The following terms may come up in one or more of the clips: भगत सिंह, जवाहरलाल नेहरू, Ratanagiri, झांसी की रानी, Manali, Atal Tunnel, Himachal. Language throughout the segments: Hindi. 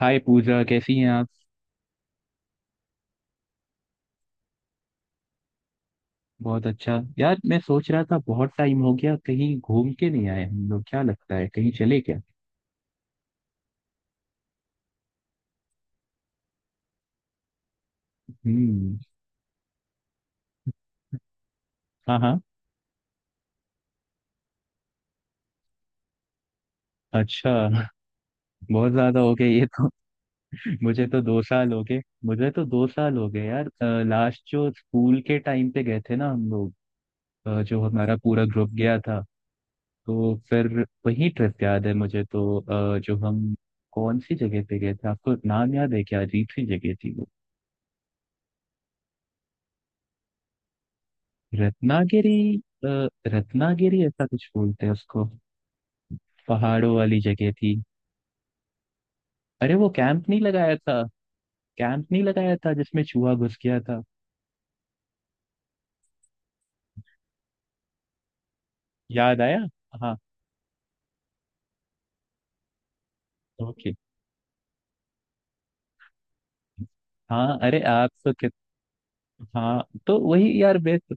हाय पूजा, कैसी हैं आप? बहुत अच्छा यार। मैं सोच रहा था बहुत टाइम हो गया कहीं घूम के नहीं आए हम लोग। क्या लगता है, कहीं चले क्या? हम्म। हाँ, हाँ। अच्छा। बहुत ज्यादा हो गए ये तो। मुझे तो 2 साल हो गए। मुझे तो दो साल हो गए यार। लास्ट जो स्कूल के टाइम पे गए थे ना हम लोग। जो हमारा पूरा ग्रुप गया था। तो फिर। वही ट्रिप याद है मुझे तो, जो हम। कौन सी जगह पे गए थे, आपको नाम याद है क्या? अजीब सी जगह थी। रत्नागिरी। अ, रत्नागिरी ऐसा कुछ बोलते हैं उसको। पहाड़ों वाली जगह थी। अरे वो कैंप नहीं लगाया था? कैंप नहीं लगाया था जिसमें चूहा घुस गया था। याद आया। हाँ। ओके। हाँ, अरे आप तो कित। हाँ, तो वही यार बेस्ट।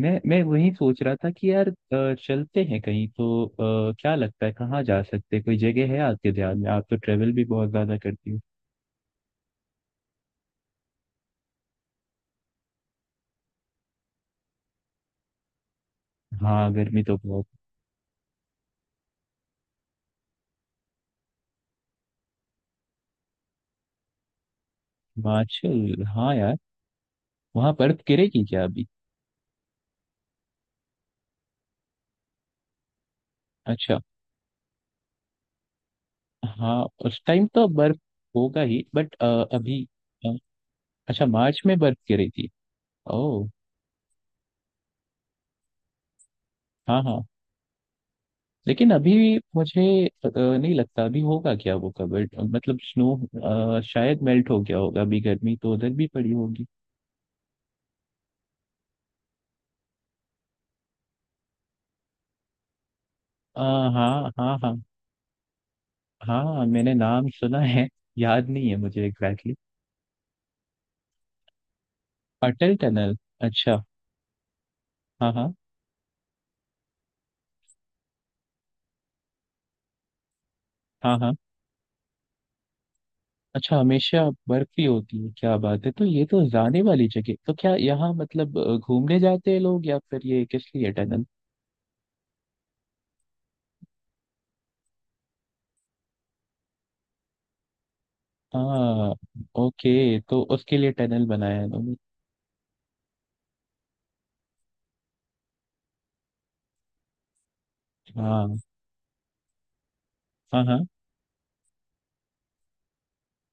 मैं वही सोच रहा था कि यार चलते हैं कहीं तो। क्या लगता है कहाँ जा सकते हैं? कोई जगह है आपके ध्यान में? आप तो ट्रेवल भी बहुत ज्यादा करती हो। हाँ, गर्मी तो बहुत। हिमाचल, हाँ यार। वहाँ बर्फ गिरेगी क्या अभी? अच्छा। हाँ, उस टाइम तो बर्फ होगा ही, बट अभी। अ, अच्छा, मार्च में बर्फ गिरी थी? ओह। हाँ, हाँ, लेकिन अभी मुझे नहीं लगता अभी होगा क्या वो कवर, मतलब स्नो शायद मेल्ट हो गया होगा, अभी गर्मी तो उधर भी पड़ी होगी। अ, हाँ, हाँ, हाँ। हाँ, मैंने नाम सुना है। याद नहीं है मुझे एग्जैक्टली। अटल टनल। अच्छा। हाँ, हाँ, हाँ। हाँ, अच्छा हमेशा बर्फी होती है? क्या बात है! तो ये तो जाने वाली जगह। तो क्या यहाँ मतलब घूमने जाते हैं लोग या फिर ये किस लिए टनल? हाँ, ओके तो उसके लिए टनल बनाया है उन्होंने। हाँ, हाँ, हाँ।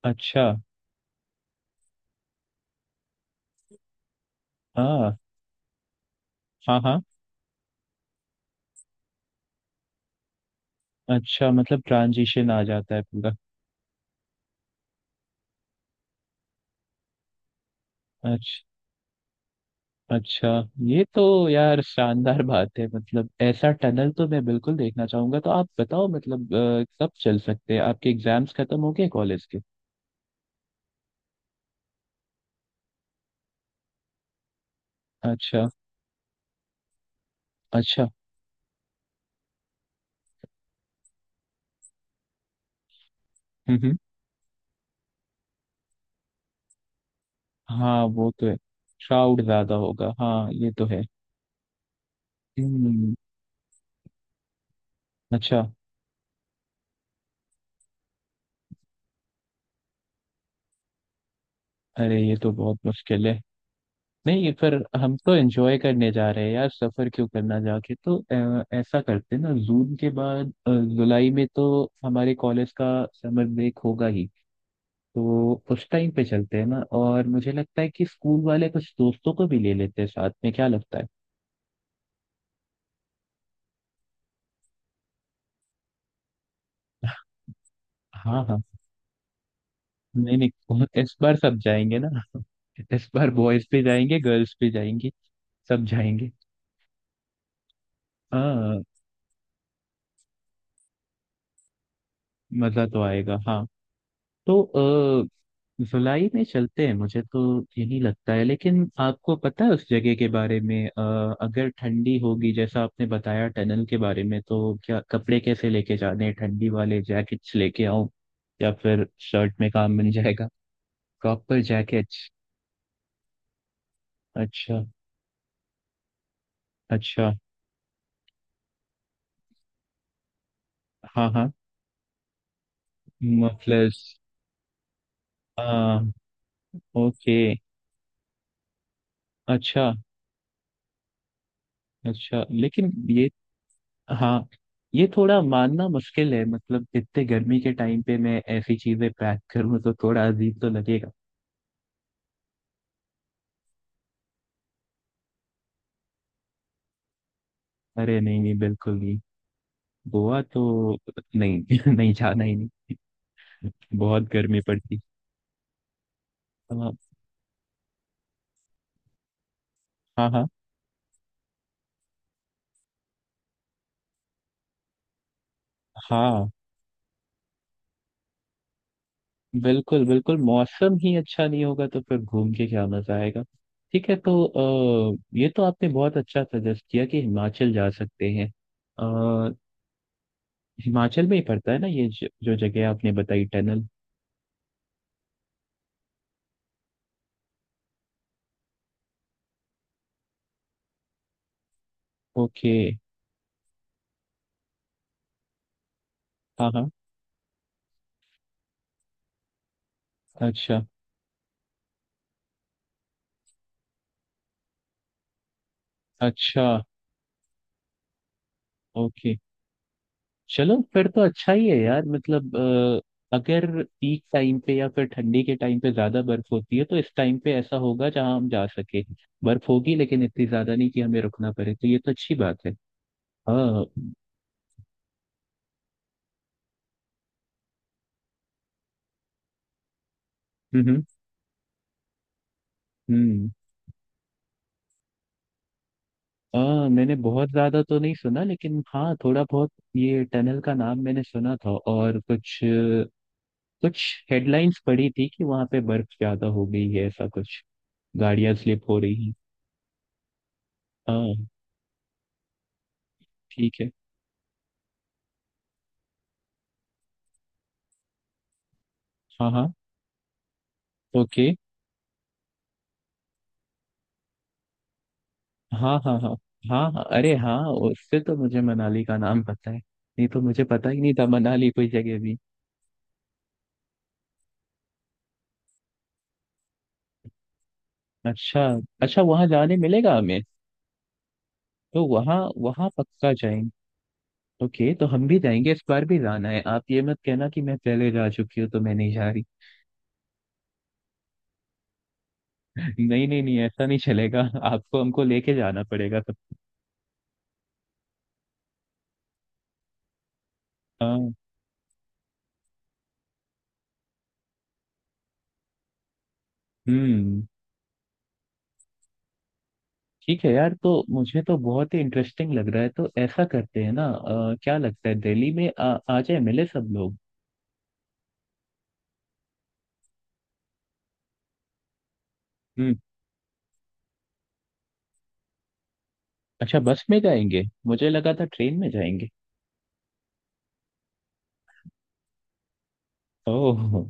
अच्छा। हाँ, हाँ, हाँ। अच्छा, मतलब ट्रांजिशन आ जाता है पूरा। अच्छा, अच्छा। ये तो यार शानदार बात है। मतलब ऐसा टनल तो मैं बिल्कुल देखना चाहूंगा। तो आप बताओ मतलब कब चल सकते हैं? आपके एग्जाम्स खत्म हो गए कॉलेज के? अच्छा। अच्छा। हम्म, हाँ, वो तो है। क्राउड ज्यादा होगा, हाँ ये तो है। हम्म। अच्छा। अरे ये तो बहुत मुश्किल है। नहीं, पर हम तो एंजॉय करने जा रहे हैं यार, सफर क्यों करना जाके तो। ऐसा करते हैं ना, जून के बाद जुलाई में तो हमारे कॉलेज का समर ब्रेक होगा ही। तो उस टाइम पे चलते हैं ना, और मुझे लगता है कि स्कूल वाले कुछ दोस्तों को भी ले लेते हैं साथ में। क्या लगता है? हाँ, हाँ। नहीं, नहीं, इस बार सब जाएंगे ना। इस बार बॉयज भी जाएंगे, गर्ल्स भी जाएंगी। सब जाएंगे। हाँ, मजा तो आएगा हाँ। तो अ, जुलाई में चलते हैं, मुझे तो यही लगता है। लेकिन आपको पता है उस जगह के बारे में, अगर ठंडी होगी जैसा आपने बताया टनल के बारे में, तो क्या कपड़े कैसे लेके जाने हैं? ठंडी वाले जैकेट्स लेके आऊं या फिर शर्ट में काम मिल जाएगा? Proper jackets. अच्छा। अच्छा। हाँ, हाँ। मफलर्स। हाँ। ओके। अच्छा। अच्छा लेकिन ये। हाँ, ये थोड़ा मानना मुश्किल है, मतलब इतने गर्मी के टाइम पे मैं ऐसी चीजें पैक करूँ तो थोड़ा अजीब तो लगेगा। अरे नहीं, नहीं, बिल्कुल नहीं। गोवा तो नहीं नहीं, जाना ही नहीं। बहुत गर्मी पड़ती। हाँ, हाँ। हाँ, हाँ। बिल्कुल, बिल्कुल, मौसम ही अच्छा नहीं होगा तो फिर घूम के क्या मजा आएगा? ठीक है, तो ये तो आपने बहुत अच्छा सजेस्ट किया कि हिमाचल जा सकते हैं। अ, हिमाचल में ही पड़ता है ना ये जो जगह आपने बताई, टनल? ओके। हाँ, हाँ। अच्छा। अच्छा। ओके चलो, फिर तो अच्छा ही है यार, मतलब अगर पीक टाइम पे या फिर ठंडी के टाइम पे ज्यादा बर्फ होती है, तो इस टाइम पे ऐसा होगा जहां हम जा सके। बर्फ होगी लेकिन इतनी ज्यादा नहीं कि हमें रुकना पड़े, तो ये तो अच्छी बात है। हाँ। हम्म, हम्म। हाँ, मैंने बहुत ज्यादा तो नहीं सुना, लेकिन हाँ थोड़ा बहुत ये टनल का नाम मैंने सुना था। और कुछ कुछ हेडलाइंस पढ़ी थी कि वहां पे बर्फ ज्यादा हो गई है, ऐसा कुछ गाड़ियां स्लिप हो रही हैं। ठीक है। हाँ, हाँ। ओके। हाँ, हाँ, हाँ, हाँ, हाँ, अरे हाँ, उससे तो मुझे मनाली का नाम पता है, नहीं तो मुझे पता ही नहीं था मनाली कोई जगह भी। अच्छा। अच्छा, वहाँ जाने मिलेगा हमें? तो वहाँ वहाँ पक्का जाएंगे। ओके, तो हम भी जाएंगे, इस बार भी जाना है। आप ये मत कहना कि मैं पहले जा चुकी हूँ तो मैं नहीं जा रही। नहीं, नहीं, नहीं, ऐसा नहीं चलेगा। आपको हमको लेके जाना पड़ेगा सब। हाँ। हम्म। ठीक है यार, तो मुझे तो बहुत ही इंटरेस्टिंग लग रहा है, तो ऐसा करते हैं ना, क्या लगता है दिल्ली में आ जाए, मिले सब लोग। हम्म। अच्छा, बस में जाएंगे? मुझे लगा था ट्रेन में जाएंगे। ओह।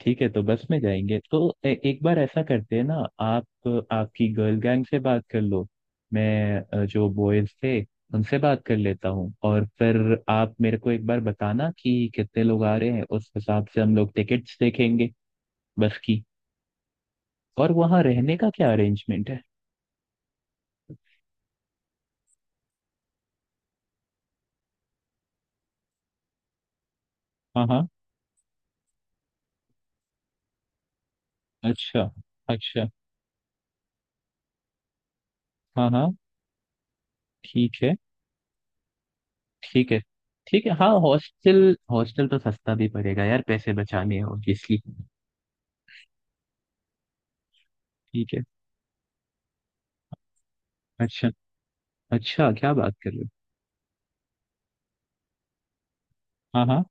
ठीक है, तो बस में जाएंगे तो एक बार ऐसा करते हैं ना। आप आपकी गर्ल गैंग से बात कर लो। मैं जो बॉयज थे उनसे बात कर लेता हूँ, और फिर आप मेरे को एक बार बताना कि कितने लोग आ रहे हैं, उस हिसाब से हम लोग टिकट्स देखेंगे, बस की। और वहाँ रहने का क्या अरेंजमेंट है? हाँ, हाँ। अच्छा। अच्छा। हाँ, हाँ। ठीक है। ठीक है, ठीक है। हाँ, हॉस्टल, हॉस्टल तो सस्ता भी पड़ेगा यार, पैसे बचाने हैं ऑब्वियसली। ठीक है। अच्छा। अच्छा, क्या बात कर रहे हो। हाँ, हाँ।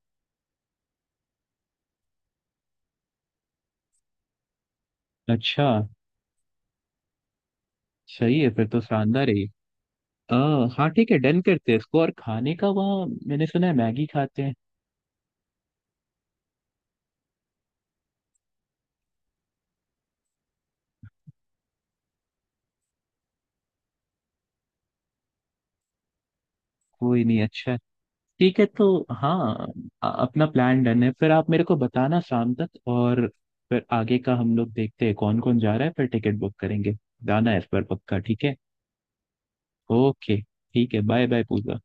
अच्छा। सही है, फिर तो शानदार है ये। अ, हाँ, ठीक है, डन करते हैं इसको। और खाने का वहाँ मैंने सुना है मैगी खाते हैं। कोई नहीं, अच्छा है। ठीक है तो। हाँ, अपना प्लान डन है, फिर आप मेरे को बताना शाम तक, और फिर आगे का हम लोग देखते हैं कौन कौन जा रहा है, फिर टिकट बुक करेंगे। जाना है इस बार पक्का, ठीक है। ओके, ठीक है, बाय बाय पूजा।